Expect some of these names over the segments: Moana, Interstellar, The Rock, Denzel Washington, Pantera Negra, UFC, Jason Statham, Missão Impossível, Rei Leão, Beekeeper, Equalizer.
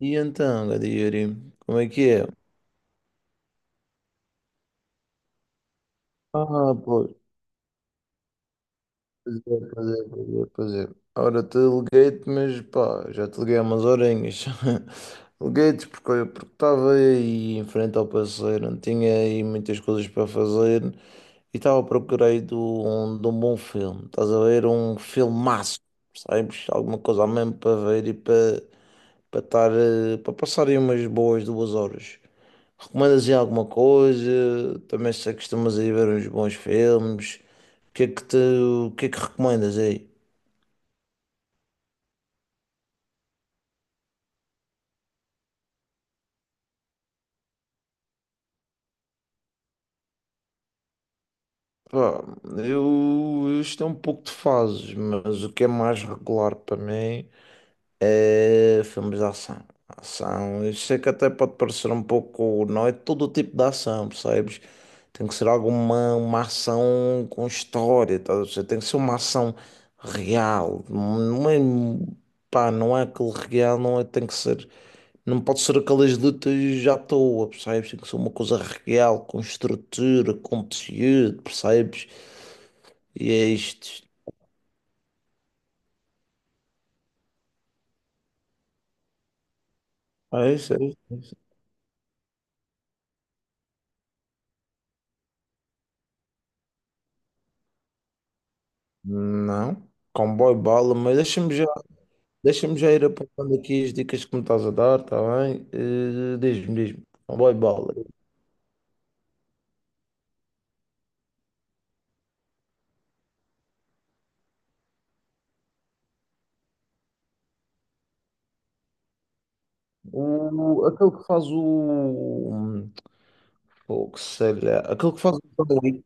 E então, Gadiri, como é que é? Ah, pois, pois é, pois é, pois é, pois é. Ora, te liguei-te, mas pá, já te liguei há umas horinhas. Liguei-te porque estava aí em frente ao parceiro, não tinha aí muitas coisas para fazer e estava à procura aí de um bom filme. Estás a ver? Um filmaço, sabes? Alguma coisa mesmo para ver e para passar aí umas boas 2 horas. Recomendas aí alguma coisa? Também sei que costumas aí ver uns bons filmes. O que é que te, o que é que recomendas aí? Pá, isto é um pouco de fases, mas o que é mais regular para mim é filmes de ação. Ação, eu sei que até pode parecer um pouco, não é todo o tipo de ação, percebes? Tem que ser alguma uma ação com história, tá? Ou seja, tem que ser uma ação real, não é, pá, não é aquele real, não é, tem que ser. Não pode ser aquelas lutas à toa, percebes? Tem que ser uma coisa real, com estrutura, com tecido, percebes? E é isto. É isso, é isso. É isso. Não, comboio bala, mas deixa-me já ir apontando aqui as dicas que me estás a dar, tá bem? Diz-me, diz-me. Comboio bala. Aquele que faz o que sei lá, aquele que faz o sanduíche.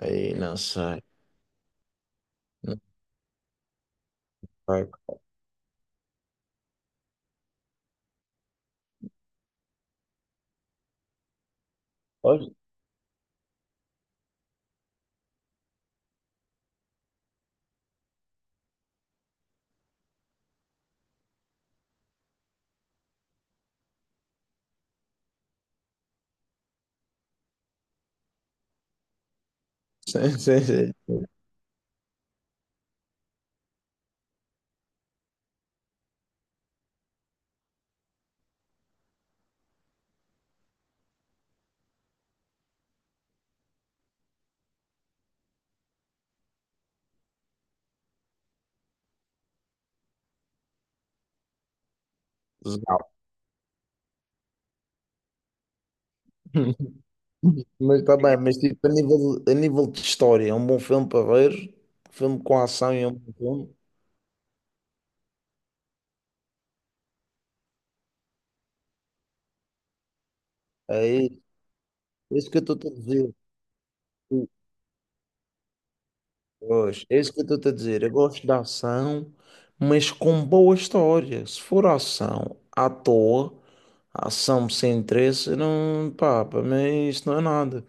Aí, não sei. Não sei. Pois? Sim, sim, sim. Zau. Mas está bem, mas tipo, a nível de história, é um bom filme para ver, filme com ação e é um bom filme. É isso, é isso que eu estou a dizer. Pois, é isso que eu estou a dizer. Eu gosto da ação, mas com boa história. Se for ação à toa, ação sem interesse, não, pá, para mim isso não é nada.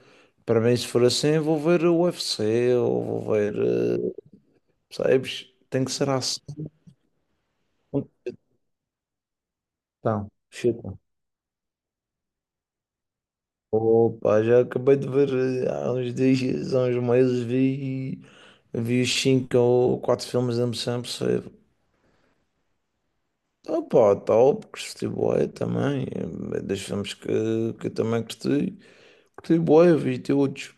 Para mim, se for assim, eu vou ver o UFC ou vou ver, sabes? Tem que ser ação. Então, chuta. Opa, já acabei de ver, há uns dias, há uns meses, vi os cinco ou quatro filmes da Missão Impossível. Opa, top, gostei bué também, dos filmes que eu também gostei, gostei bué, vi todos,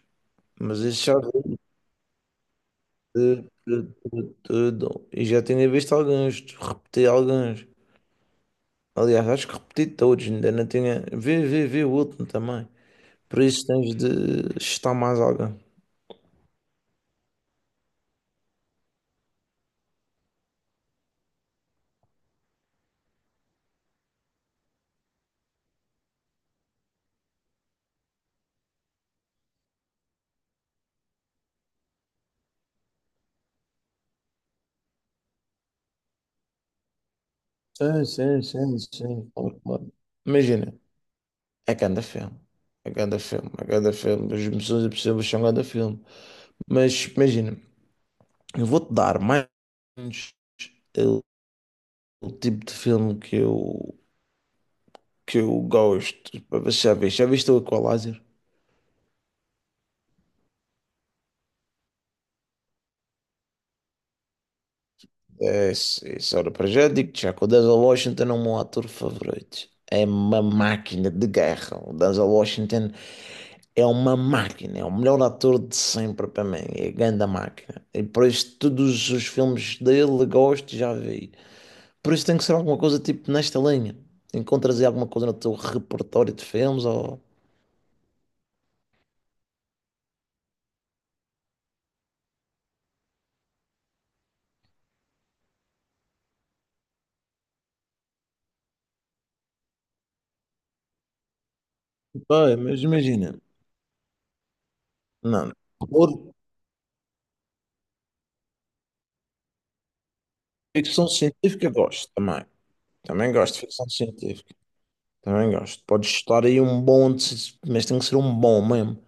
mas esse já vi de- de- tudo, e já tinha visto alguns, repeti alguns, aliás, acho que repeti todos, ainda não tinha, vi o último também, por isso tens de estar mais alguém. Sim, sim, sim, sim. Claro, claro. Imagina, é cada filme. É cada filme, é cada filme. As missões impossíveis são cada filme. Mas imagina, eu vou-te dar mais ou menos o, o tipo de filme que eu gosto. Para ver se. Já viste? Já viste o Equalizer? É, isso era para já. Digo-te já que o Denzel Washington é o meu ator favorito. É uma máquina de guerra. O Denzel Washington é uma máquina, é o melhor ator de sempre para mim, é a grande máquina. E por isso todos os filmes dele gosto, já vi. Por isso tem que ser alguma coisa tipo nesta linha. Encontras aí alguma coisa no teu repertório de filmes ou... Pá, mas imagina, não, horror, ficção científica gosto também. Também gosto de ficção científica, também gosto. Podes estar aí um bom, mas tem que ser um bom mesmo,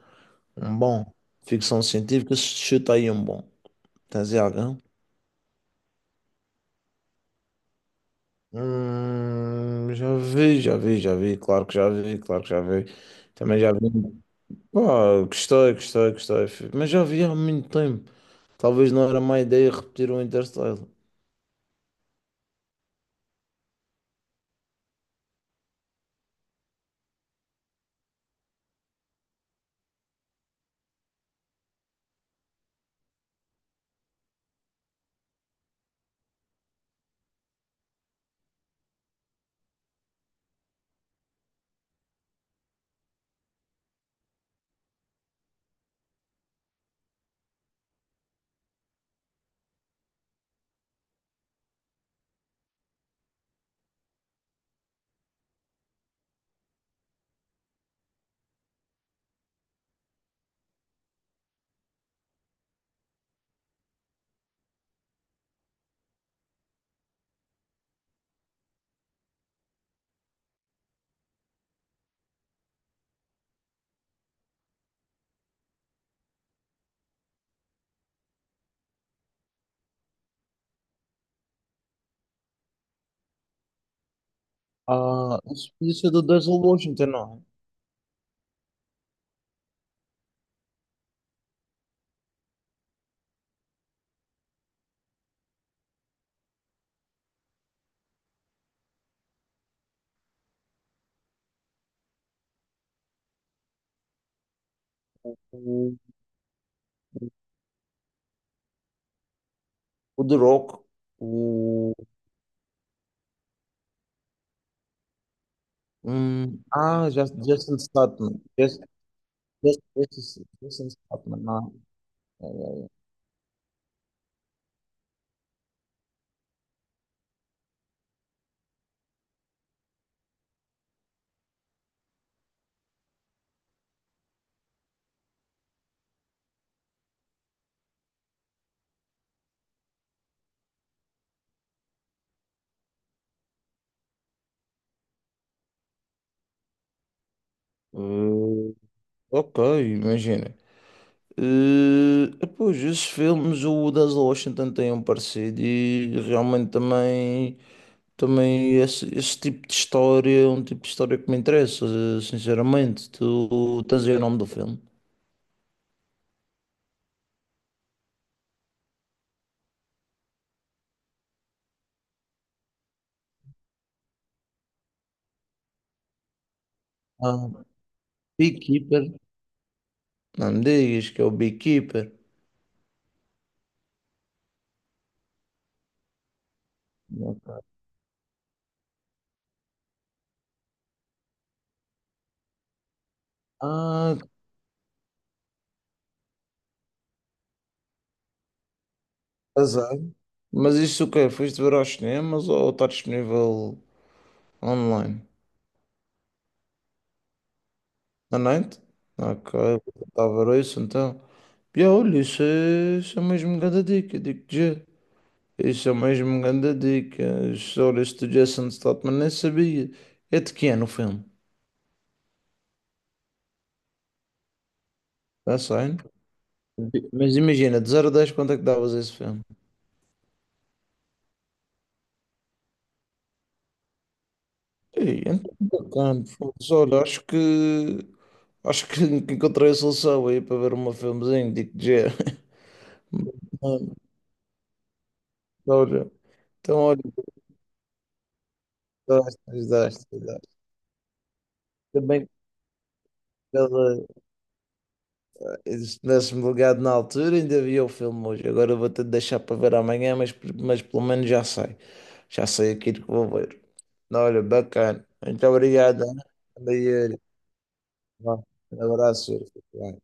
um bom. Ficção científica, chuta aí um bom. Tens aí algum? Já vi, já vi, já vi, claro que já vi, claro que já vi. Também já vi. Pá, gostei, gostei, gostei. Mas já vi há muito tempo. Talvez não era má ideia repetir o Interstellar. Ah, isso podia ser do Denzel Washington, não é? O The Rock, o. Jason Statham. Jason Statham, não. é? Eh, ok, imagina. Pois, esses filmes, o Denzel Washington tem um parecido e realmente também, também esse tipo de história é um tipo de história que me interessa, sinceramente. Tu tens aí o nome do filme? Ah, Beekeeper. Não me digas que é o Beekeeper. Ah, que azar. Mas isso o quê? Foste ver aos cinemas ou está disponível online? À noite? Ok, vou tentar ver isso então. E é, olha, isso é mesmo uma grande dica, digo-te já. Isso é mesmo uma grande dica. Isso, olha, este Jason Statham nem sabia. É de quem é o filme? Está saindo? Mas imagina, de 0 a 10 quanto é que davas a esse filme? Ei, então bacana. Foda-se, olha, acho que que encontrei a solução aí para ver um filmezinho, digo-te já. Mano, olha, então olha, daste, daste, daste. Também. Se tivesse-me ligado na altura, ainda havia o filme hoje. Agora vou ter de deixar para ver amanhã, mas pelo menos já sei. Já sei aquilo que vou ver. Olha, bacana. Muito obrigado. Ana. Anda aí, Yuri. Vá, um abraço, Yuri. Fica bem.